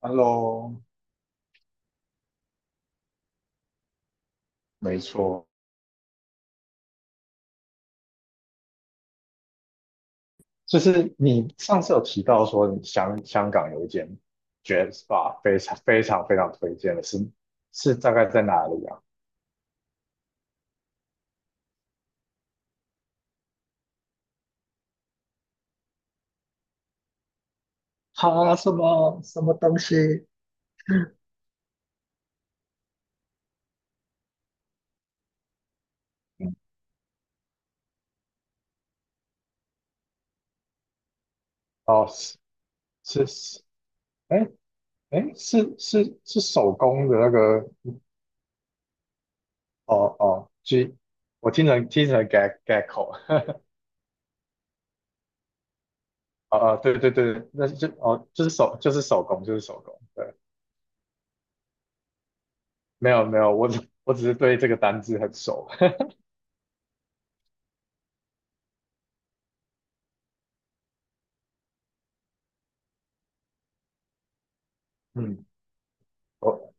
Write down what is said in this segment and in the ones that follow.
Hello，没错，就是你上次有提到说你香港有一间 Jazz Bar 非常非常非常推荐的是，是大概在哪里啊？哈，什么东西？嗯，哦，是是是，哎哎，是是是手工的那个，哦哦，G，我听成 gag g a 口，哦哦，对对对，那就哦就是手就是手工就是手工，对，没有没有，我只是对这个单字很熟，嗯。我。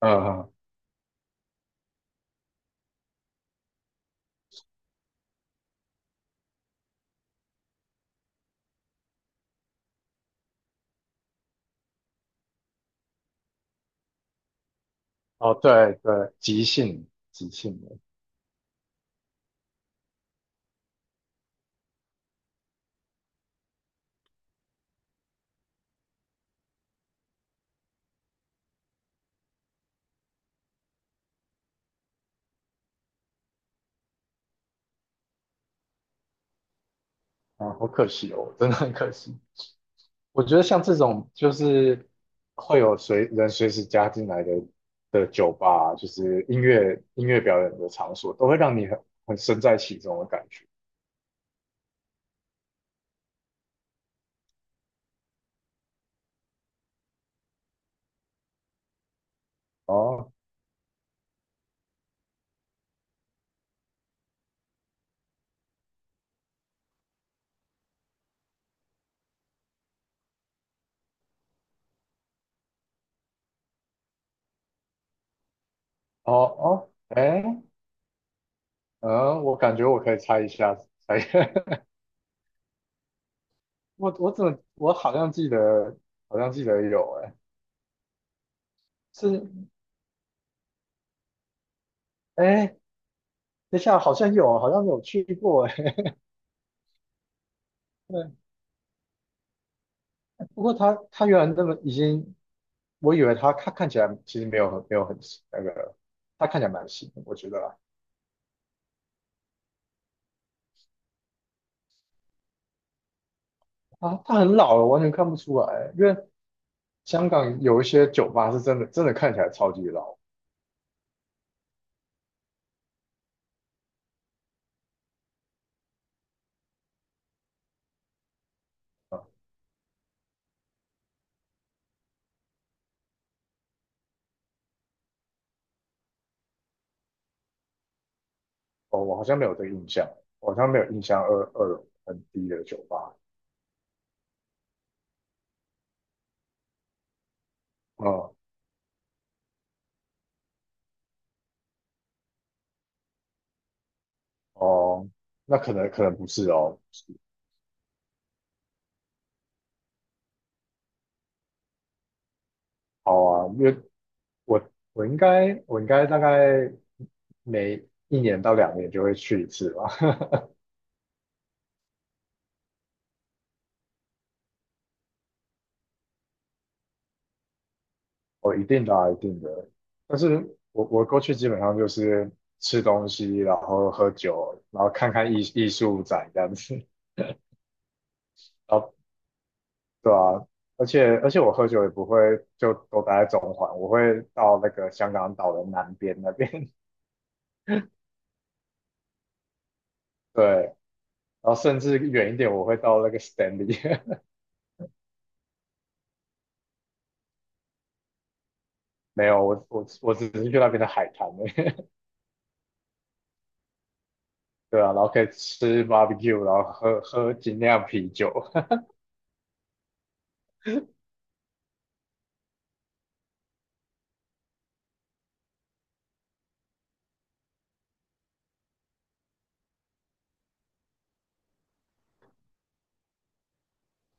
嗯嗯，哦，对对，即兴的，啊，好可惜哦，真的很可惜。我觉得像这种就是会有随时加进来的酒吧啊，就是音乐表演的场所，都会让你很身在其中的感觉。哦哦哦，哎，嗯，我感觉我可以猜一下，猜 我我怎么我好像记得，好像记得有，哎，是，哎，等一下，好像有去过，哎。不过他原来那么已经，我以为他看起来其实没有很那个，他看起来蛮新的，我觉得啦啊，他很老了，完全看不出来，因为香港有一些酒吧是真的真的看起来超级老，嗯，哦，我好像没有这个印象，我好像没有印象二楼很低的酒吧，嗯，哦，那可能不是哦，好啊，因为我我应该大概每1年到2年就会去一次吧，我一定的啊一定的。但是我过去基本上就是吃东西，然后喝酒，然后看看艺术展这样子。然后对啊，而且我喝酒也不会就都待在中环，我会到那个香港岛的南边那边。对，然后甚至远一点，我会到那个 Stanley。没有，我只是去那边的海滩而已。对啊，然后可以吃 barbecue，然后喝喝精酿啤酒。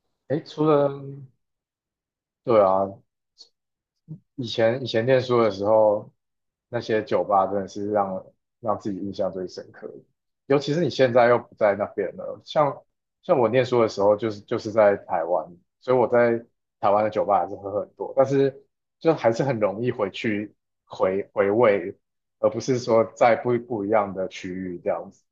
诶，对啊，以前念书的时候，那些酒吧真的是让自己印象最深刻的。尤其是你现在又不在那边了，像我念书的时候，就是在台湾，所以我在台湾的酒吧还是喝很多，但是就还是很容易回去回味，而不是说在不一样的区域这样子。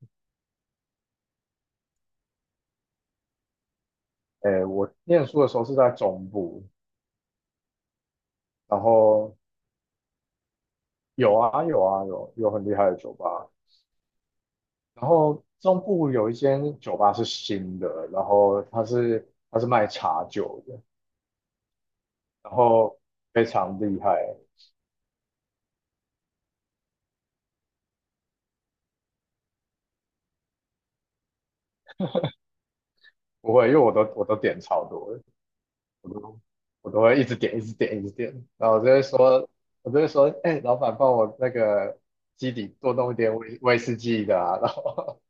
诶，我念书的时候是在中部，然后有啊有啊有很厉害的酒吧，然后中部有一间酒吧是新的，然后它是卖茶酒的，然后非常厉害。不会，因为我都点超多的，我都我都会一直点，一直点，一直点。然后我就会说，哎、老板帮我那个基底多弄一点威士忌的啊。然后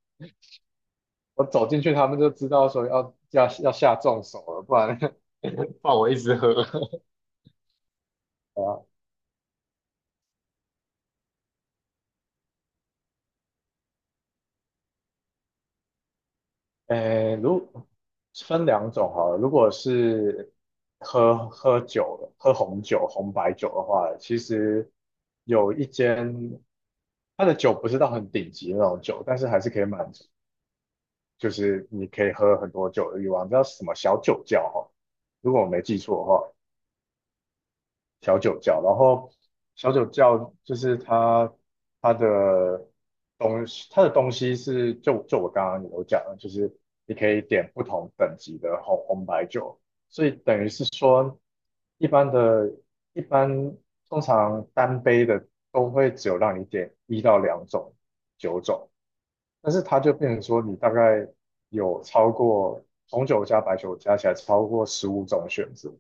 我走进去，他们就知道说要下重手了，不然 不然我一直喝。诶，分两种哈，如果是喝喝酒的，喝红白酒的话，其实有一间，它的酒不是到很顶级的那种酒，但是还是可以满足，就是你可以喝很多酒的欲望，叫什么小酒窖哈，如果我没记错的话。小酒窖，然后小酒窖就是它的东西，它的东西，是就我刚刚有讲的就是你可以点不同等级的红白酒，所以等于是说一般的，一般通常单杯的都会只有让你点1到2种酒种，但是它就变成说你大概有超过红酒加白酒加起来超过15种选择。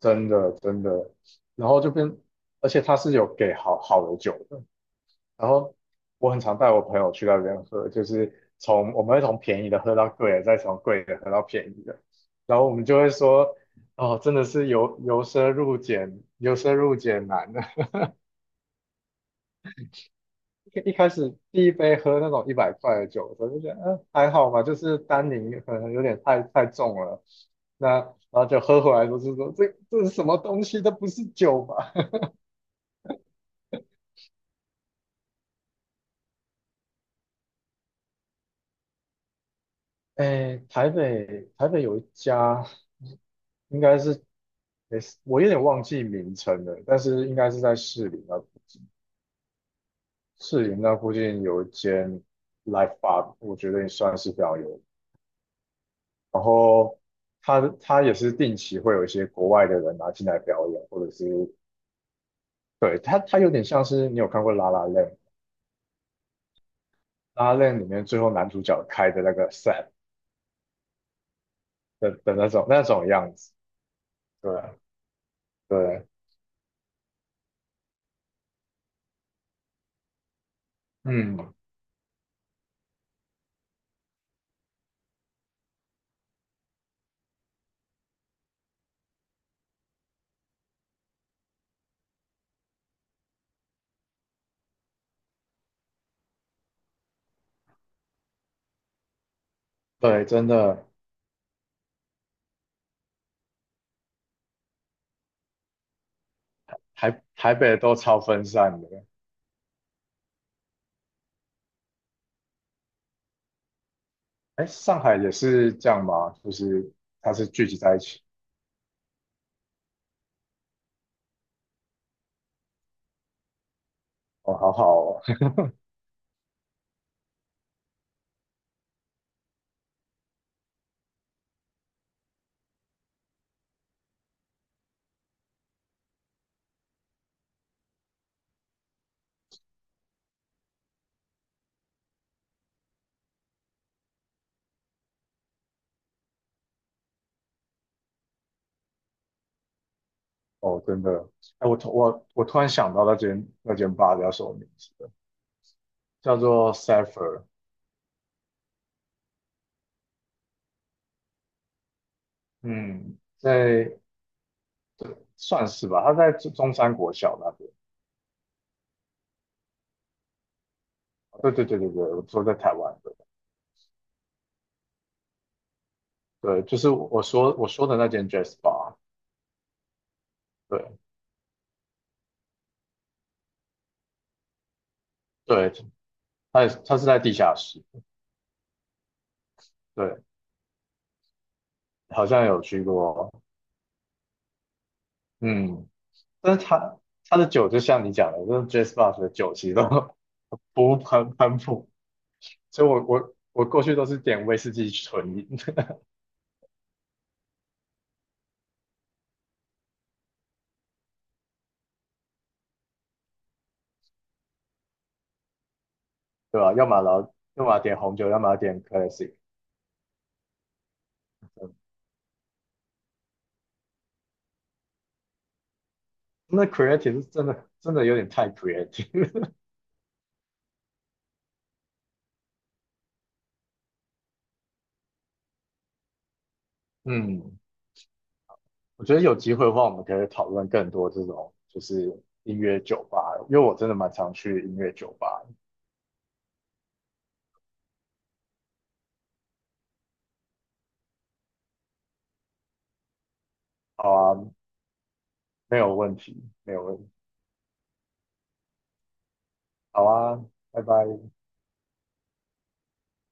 真的真的，然后而且他是有给好好的酒的，然后我很常带我朋友去那边喝，就是我们会从便宜的喝到贵的，再从贵的喝到便宜的，然后我们就会说，哦，真的是由奢入俭由奢入俭难的。一开始第一杯喝那种100块的酒，我就觉得，嗯，还好吧，就是单宁可能有点太重了，那然后就喝回来都是说，这是什么东西，这不是酒吧？哎，台北有一家，应该是诶，我有点忘记名称了，但是应该是在市林那士林那附近有一间 Live Bar，我觉得也算是表演。然后他也是定期会有一些国外的人拿进来表演，或者是对他有点像是你有看过《拉拉链》，拉 l a 里面最后男主角开的那个 set 的那种样子，对对，嗯，对，真的台北都超分散的。哎，上海也是这样吗？就是它是聚集在一起。哦，好好哦，哦真的。哎，我突然想到那间吧叫什么名字了？叫做 Saher 嗯，算是吧，它在中山国小那边。对对对对对，我说在台湾的。对，就是我说的那间 Jazz Bar。对对，它是在地下室。对，好像有去过。嗯，但是它的酒就像你讲的，就是 Jazz Bar 的酒其实都 不普，所以我过去都是点威士忌纯饮，对吧？要么点红酒，要么点 classic。那 creative 是真的真的有点太 creative。嗯，我觉得有机会的话，我们可以讨论更多这种就是音乐酒吧，因为我真的蛮常去音乐酒吧。好啊，没有问题，没有问题。好啊，拜拜。